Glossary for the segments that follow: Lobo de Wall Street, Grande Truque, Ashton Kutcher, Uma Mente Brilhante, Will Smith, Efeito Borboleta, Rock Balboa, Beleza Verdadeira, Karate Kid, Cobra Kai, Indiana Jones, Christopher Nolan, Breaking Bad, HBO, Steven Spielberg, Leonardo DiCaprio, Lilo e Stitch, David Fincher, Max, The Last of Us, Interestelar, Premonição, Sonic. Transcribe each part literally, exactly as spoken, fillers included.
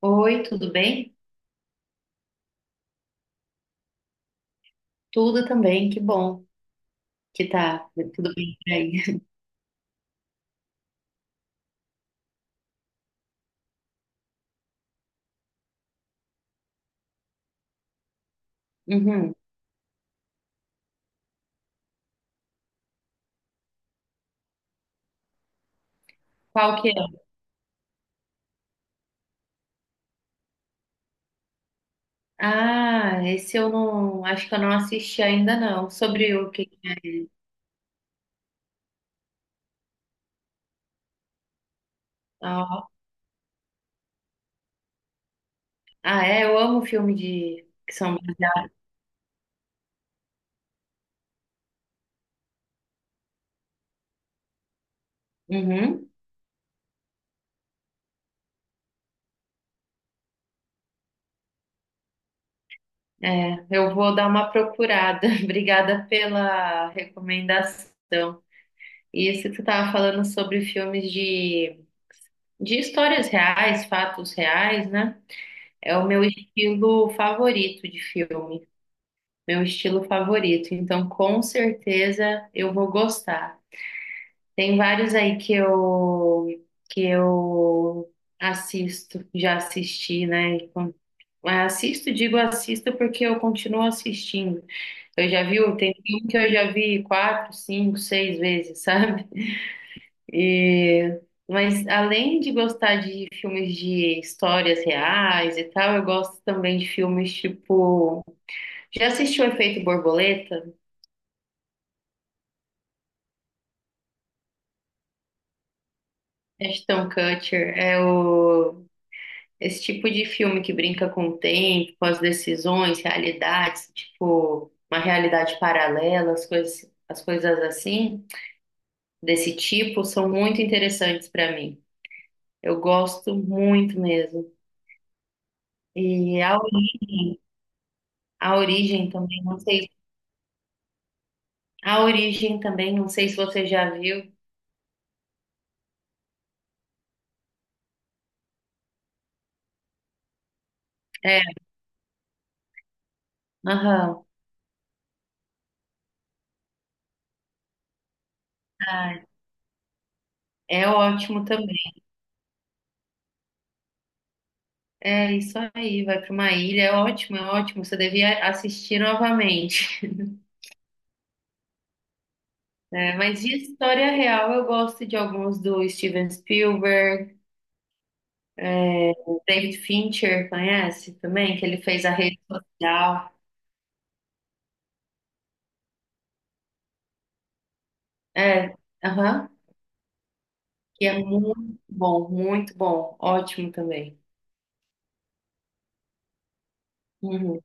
Oi, tudo bem? Tudo também, que bom que tá tudo bem por aí. Uhum. Qual que é? Ah, esse eu não, acho que eu não assisti ainda não. Sobre o que que é? Ó. Ah, é, eu amo filme de que são baseados. Uhum. É, eu vou dar uma procurada. Obrigada pela recomendação. E isso que tu tava falando sobre filmes de de histórias reais, fatos reais, né? É o meu estilo favorito de filme. Meu estilo favorito. Então, com certeza eu vou gostar. Tem vários aí que eu que eu assisto, já assisti, né? E com- Assisto, digo assisto porque eu continuo assistindo. Eu já vi, tem filme que eu já vi quatro, cinco, seis vezes, sabe? E, mas além de gostar de filmes de histórias reais e tal, eu gosto também de filmes tipo. Já assistiu Efeito Borboleta? Ashton Kutcher é o esse tipo de filme que brinca com o tempo, com as decisões, realidades, tipo uma realidade paralela, as coisas, as coisas assim, desse tipo, são muito interessantes para mim. Eu gosto muito mesmo. E a origem, a origem também, não sei, a origem também, não sei se você já viu. É, aham. Ai, é ótimo também. É isso aí, vai para uma ilha, é ótimo, é ótimo. Você devia assistir novamente. É, mas de história real, eu gosto de alguns do Steven Spielberg, o David Fincher, conhece também? Que ele fez a rede social. É, aham, que é muito bom, muito bom, ótimo também. Uhum.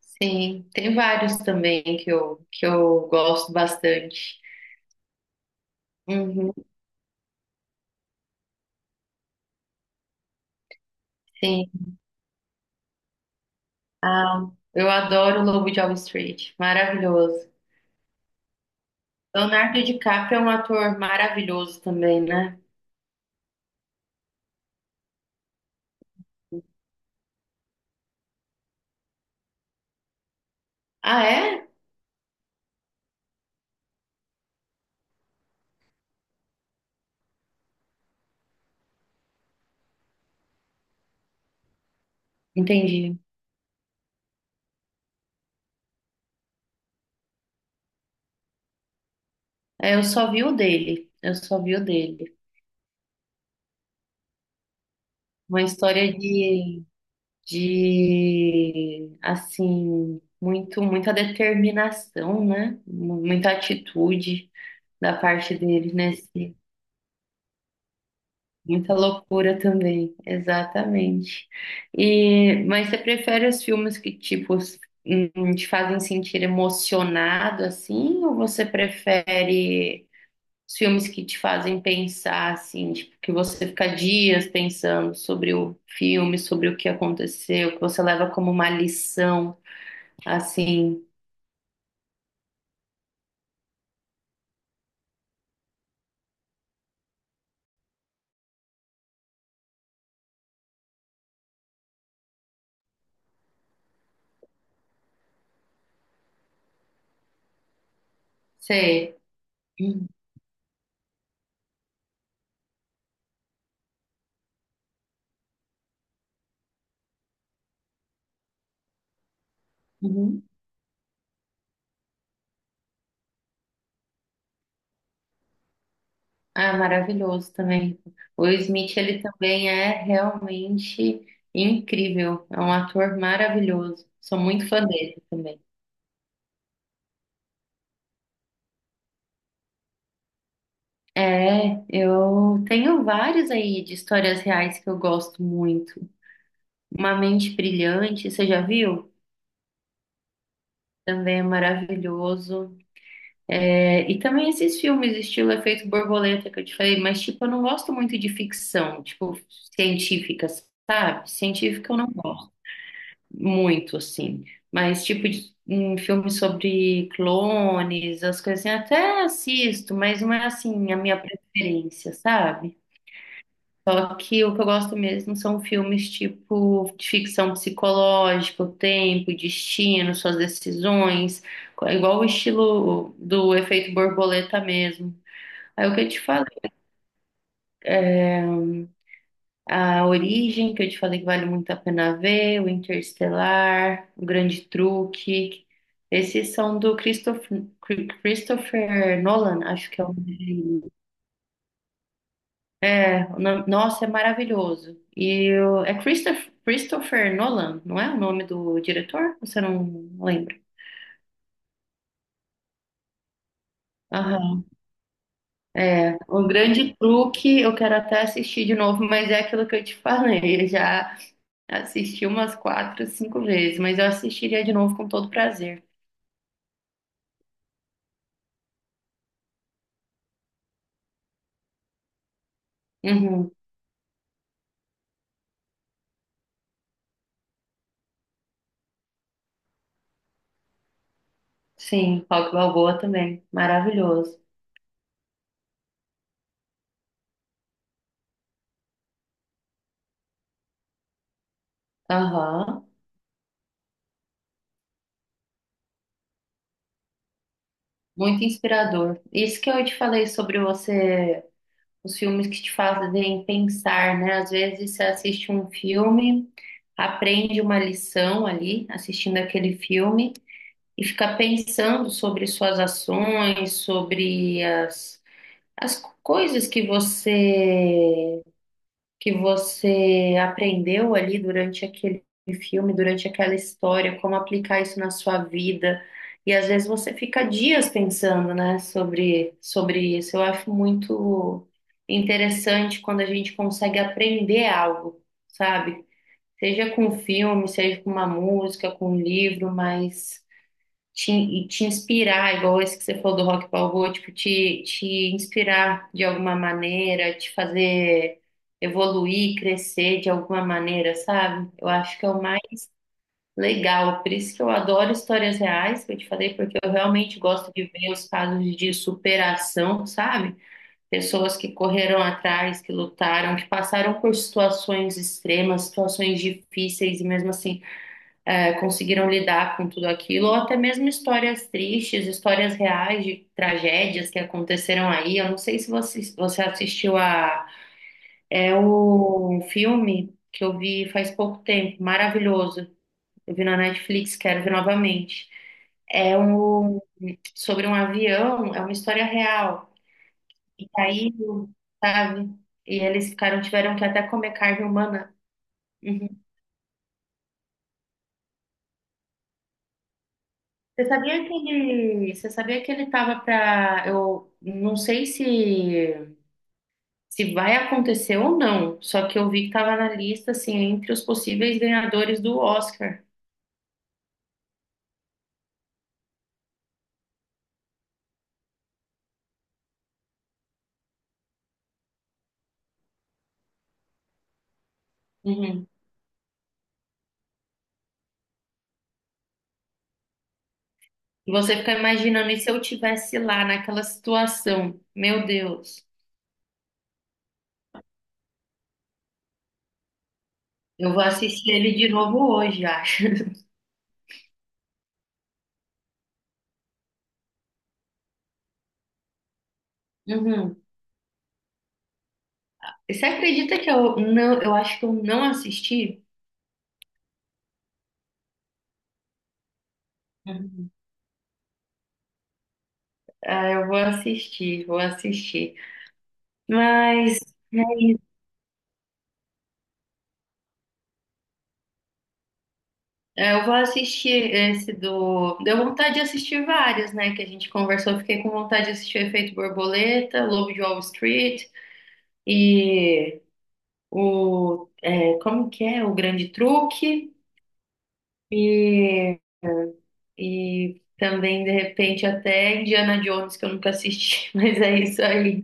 Sim, tem vários também que eu, que eu gosto bastante. Uhum, sim. Ah, eu adoro o Lobo de Wall Street, maravilhoso. Leonardo DiCaprio é um ator maravilhoso também, né? Ah, é? Entendi. É, eu só vi o dele. Eu só vi o dele. Uma história de, de assim, muito, muita determinação, né? Mu- Muita atitude da parte dele, nesse, muita loucura também, exatamente. E, mas você prefere os filmes que, tipo, s- hum, te fazem sentir emocionado, assim, ou você prefere os filmes que te fazem pensar, assim, tipo, que você fica dias pensando sobre o filme, sobre o que aconteceu, que você leva como uma lição, assim, sei. Uhum. Uhum. Ah, maravilhoso também. O Will Smith, ele também é realmente incrível. É um ator maravilhoso. Sou muito fã dele também. É, eu tenho vários aí de histórias reais que eu gosto muito. Uma Mente Brilhante, você já viu? Também é maravilhoso. É, e também esses filmes, estilo Efeito Borboleta, que eu te falei, mas, tipo, eu não gosto muito de ficção, tipo, científica, sabe? Científica eu não gosto muito, assim. Mas, tipo, de, um filme sobre clones, as coisas assim, até assisto, mas não é, assim, a minha preferência, sabe? Só que o que eu gosto mesmo são filmes tipo de ficção psicológica, o tempo, o destino, suas decisões, igual o estilo do Efeito Borboleta mesmo. Aí o que eu te falei, a Origem, que eu te falei que vale muito a pena ver, o Interestelar, o Grande Truque. Esses são do Christopher, Christopher Nolan, acho que é o nome dele. É, o nome- nossa, é maravilhoso. E o- é Christopher, Christopher Nolan, não é o nome do diretor? Você não lembra? Aham. É, o Grande Truque, eu quero até assistir de novo, mas é aquilo que eu te falei. Eu já assisti umas quatro, cinco vezes, mas eu assistiria de novo com todo prazer. Uhum. Sim, Rock Balboa também, maravilhoso. Aham. Muito inspirador. Isso que eu te falei sobre você os filmes que te fazem pensar, né? Às vezes você assiste um filme, aprende uma lição ali, assistindo aquele filme, e fica pensando sobre suas ações, sobre as, as coisas que você que você aprendeu ali durante aquele filme, durante aquela história, como aplicar isso na sua vida. E às vezes você fica dias pensando, né, sobre, sobre isso. Eu acho muito interessante quando a gente consegue aprender algo, sabe? Seja com filme, seja com uma música, com um livro, mas te, e te inspirar, igual esse que você falou do Rock Balboa, tipo, te, te inspirar de alguma maneira, te fazer evoluir, crescer de alguma maneira, sabe? Eu acho que é o mais legal, por isso que eu adoro histórias reais, que eu te falei, porque eu realmente gosto de ver os casos de superação, sabe? Pessoas que correram atrás, que lutaram, que passaram por situações extremas, situações difíceis e mesmo assim é, conseguiram lidar com tudo aquilo, ou até mesmo histórias tristes, histórias reais de tragédias que aconteceram aí. Eu não sei se você, você assistiu a é o filme que eu vi faz pouco tempo, maravilhoso. Eu vi na Netflix, quero ver novamente. É um sobre um avião, é uma história real. E caiu, sabe? E eles ficaram, tiveram que até comer carne humana. Uhum. Você sabia que ele, você sabia que ele tava pra. Eu não sei se se vai acontecer ou não, só que eu vi que tava na lista assim entre os possíveis ganhadores do Oscar. Uhum. E você fica imaginando, e se eu tivesse lá naquela situação? Meu Deus, eu vou assistir ele de novo hoje, acho. Uhum. E você acredita que eu não, eu acho que eu não assisti? Uhum. Ah, eu vou assistir, vou assistir. Mas é, eu vou assistir esse do. Deu vontade de assistir vários, né? Que a gente conversou. Fiquei com vontade de assistir o Efeito Borboleta, Lobo de Wall Street e o. É, como que é? O Grande Truque. E, e também, de repente, até Indiana Jones, que eu nunca assisti. Mas é isso aí.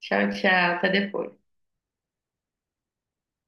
Tchau, tchau. Até depois.